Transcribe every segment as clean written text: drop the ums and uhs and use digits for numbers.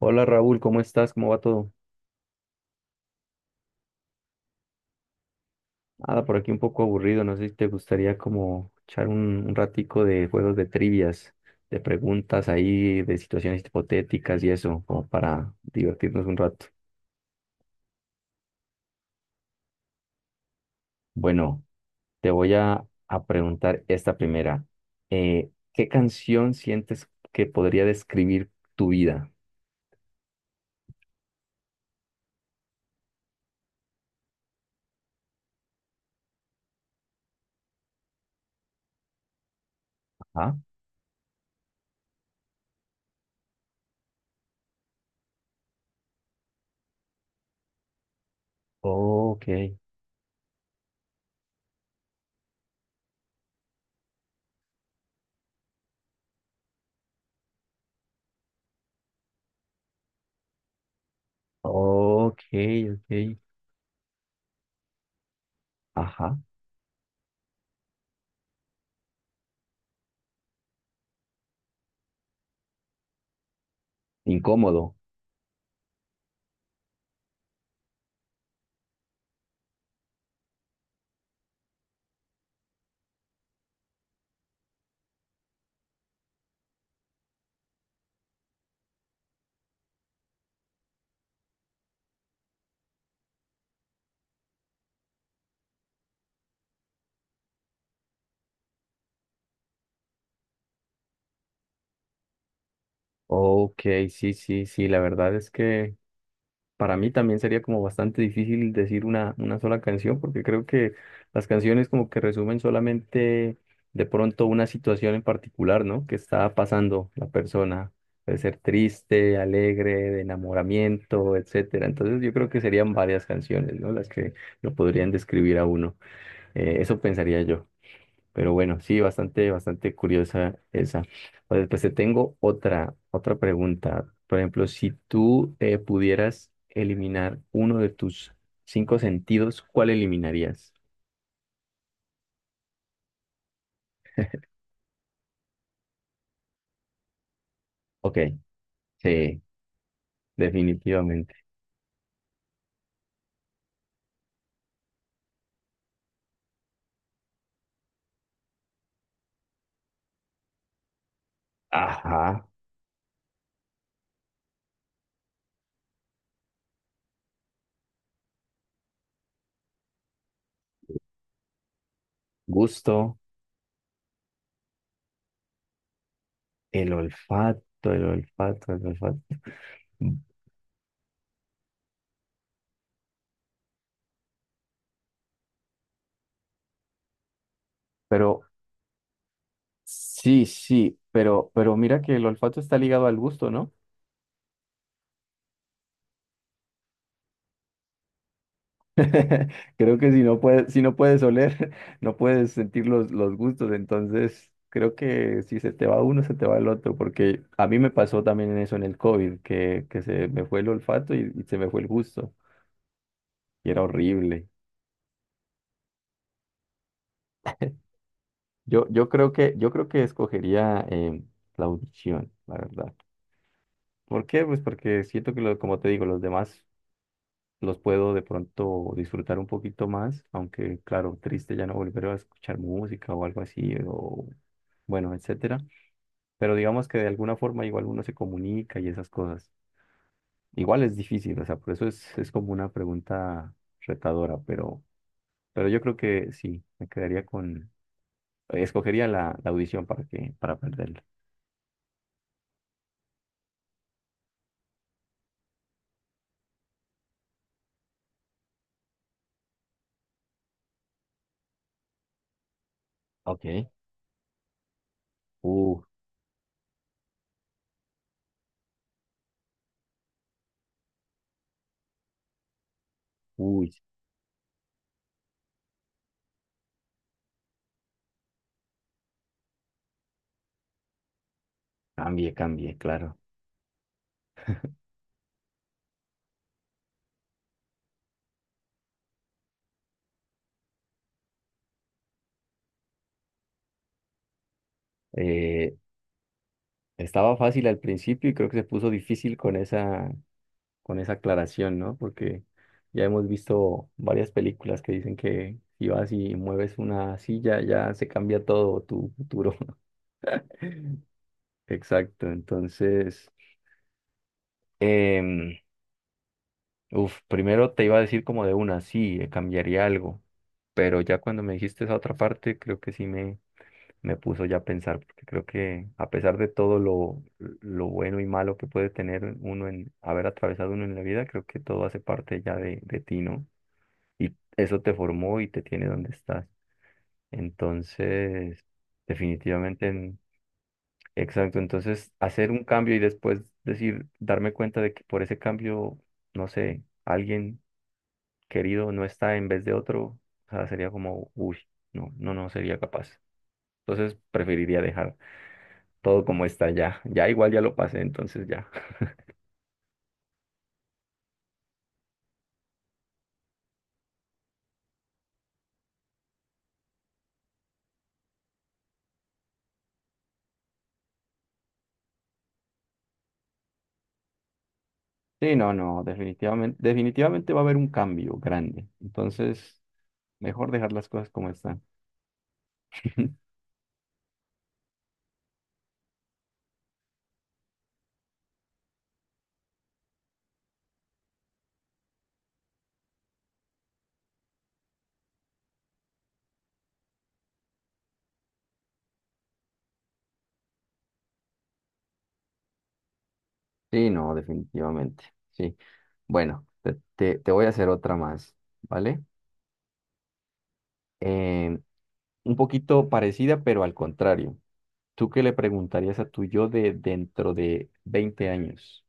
Hola Raúl, ¿cómo estás? ¿Cómo va todo? Nada, por aquí un poco aburrido, no sé si te gustaría como echar un ratico de juegos de trivias, de preguntas ahí, de situaciones hipotéticas y eso, como para divertirnos un rato. Bueno, te voy a preguntar esta primera. ¿Qué canción sientes que podría describir tu vida? Ajá. Ok, ok, ok. Ajá. Incómodo. Ok, sí, sí, sí, la verdad es que... Para mí también sería como bastante difícil decir una sola canción, porque creo que las canciones como que resumen solamente de pronto una situación en particular, ¿no? Que está pasando la persona. Puede ser triste, alegre, de enamoramiento, etcétera. Entonces yo creo que serían varias canciones, ¿no? Las que lo podrían describir a uno. Eso pensaría yo. Pero bueno, sí, bastante, bastante curiosa esa. O después te tengo otra pregunta. Por ejemplo, si tú pudieras eliminar uno de tus cinco sentidos, ¿cuál eliminarías? Ok, sí, definitivamente. Ajá, gusto, el olfato, el olfato, el olfato. Pero sí, sí, pero mira que el olfato está ligado al gusto, ¿no? Creo que si no puedes oler, no puedes sentir los gustos, entonces creo que si se te va uno, se te va el otro, porque a mí me pasó también en eso en el COVID, que se me fue el olfato y se me fue el gusto, y era horrible. Yo creo que escogería la audición, la verdad. ¿Por qué? Pues porque siento que, como te digo, los demás los puedo de pronto disfrutar un poquito más, aunque claro, triste ya no volver a escuchar música o algo así, o bueno, etcétera. Pero digamos que de alguna forma igual uno se comunica y esas cosas. Igual es difícil, o sea, por eso es como una pregunta retadora, pero yo creo que sí, escogería la audición para que, para perderla. Ok. Uh, Uy, cambié, cambié, claro. Eh, Estaba fácil al principio y creo que se puso difícil con esa aclaración, ¿no? Porque ya hemos visto varias películas que dicen que si vas y mueves una silla, ya se cambia todo tu futuro. Exacto, entonces, em, uf, primero te iba a decir como de una, sí, cambiaría algo, pero ya cuando me dijiste esa otra parte, creo que sí me puso ya a pensar, porque creo que a pesar de todo lo bueno y malo que puede tener uno en haber atravesado uno en la vida, creo que todo hace parte ya de ti, ¿no? Y eso te formó y te tiene donde estás. Entonces, definitivamente, exacto. Entonces, hacer un cambio y después decir, darme cuenta de que por ese cambio, no sé, alguien querido no está en vez de otro, o sea, sería como, uy, no, no, no sería capaz. Entonces, preferiría dejar todo como está ya. Ya igual ya lo pasé, entonces ya. Sí, no, no, definitivamente, definitivamente va a haber un cambio grande. Entonces, mejor dejar las cosas como están. Sí, no, definitivamente. Sí. Bueno, te voy a hacer otra más, ¿vale? Eh, un poquito parecida, pero al contrario. ¿Tú qué le preguntarías a tu yo de dentro de 20 años?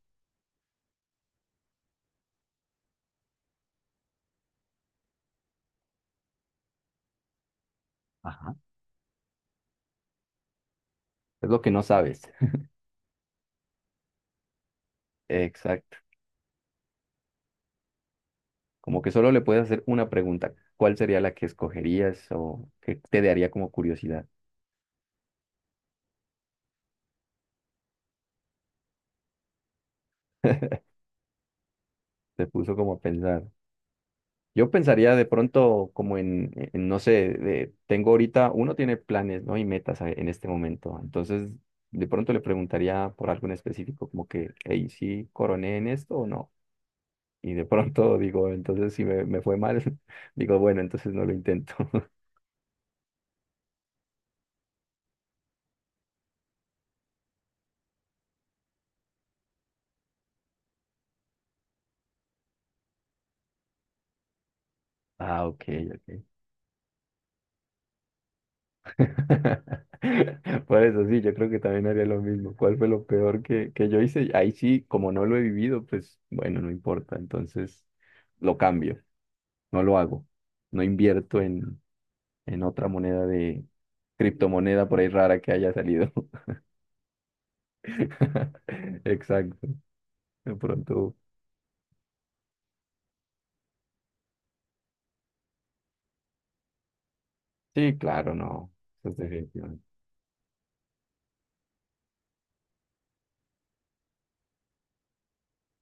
Ajá. Es lo que no sabes. Exacto. Como que solo le puedes hacer una pregunta. ¿Cuál sería la que escogerías o qué te daría como curiosidad? Te puso como a pensar. Yo pensaría de pronto como en no sé, tengo ahorita, uno tiene planes, ¿no? Y metas en este momento. Entonces, de pronto le preguntaría por algo en específico, como que, hey, ¿sí coroné en esto o no? Y de pronto digo, entonces si me fue mal, digo, bueno, entonces no lo intento. Ah, ok, ok. Por eso sí, yo creo que también haría lo mismo. ¿Cuál fue lo peor que yo hice? Ahí sí, como no lo he vivido, pues bueno, no importa. Entonces, lo cambio, no lo hago. No invierto en otra moneda de criptomoneda por ahí rara que haya salido. Exacto. De pronto. Sí, claro, no. Eso es definitivamente.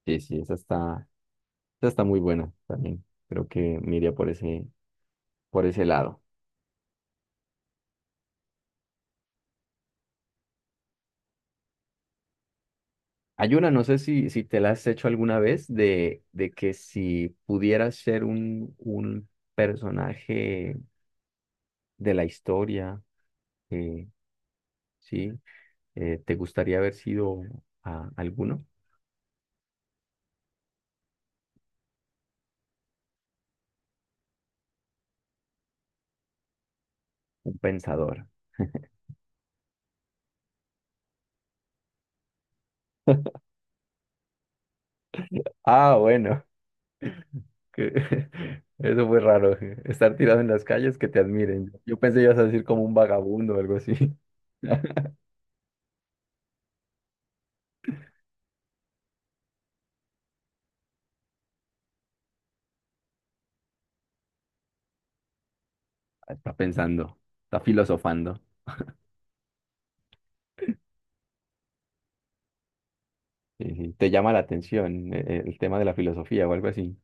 Sí, sí, esa está muy buena también. Creo que me iría por ese lado. Hay una, no sé si te la has hecho alguna vez, de que si pudieras ser un personaje de la historia, eh, sí. ¿Te gustaría haber sido alguno? Un pensador. Ah, bueno. que- Eso fue raro. Estar tirado en las calles, que te admiren. Yo pensé que ibas a decir como un vagabundo o algo así. Está pensando, está filosofando. Sí, sí. Te llama la atención el tema de la filosofía o algo así.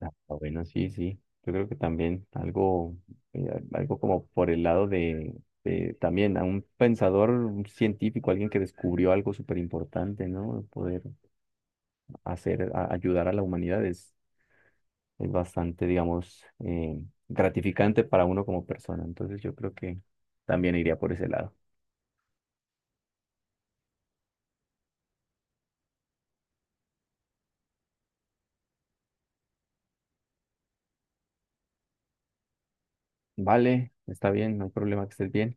Ah, bueno, sí, sí. Yo creo que también algo, algo como por el lado de también a un pensador, un científico, alguien que descubrió algo súper importante, ¿no? Poder hacer, ayudar a la humanidad es bastante, digamos, gratificante para uno como persona. Entonces yo creo que también iría por ese lado. Vale, está bien, no hay problema que estés bien.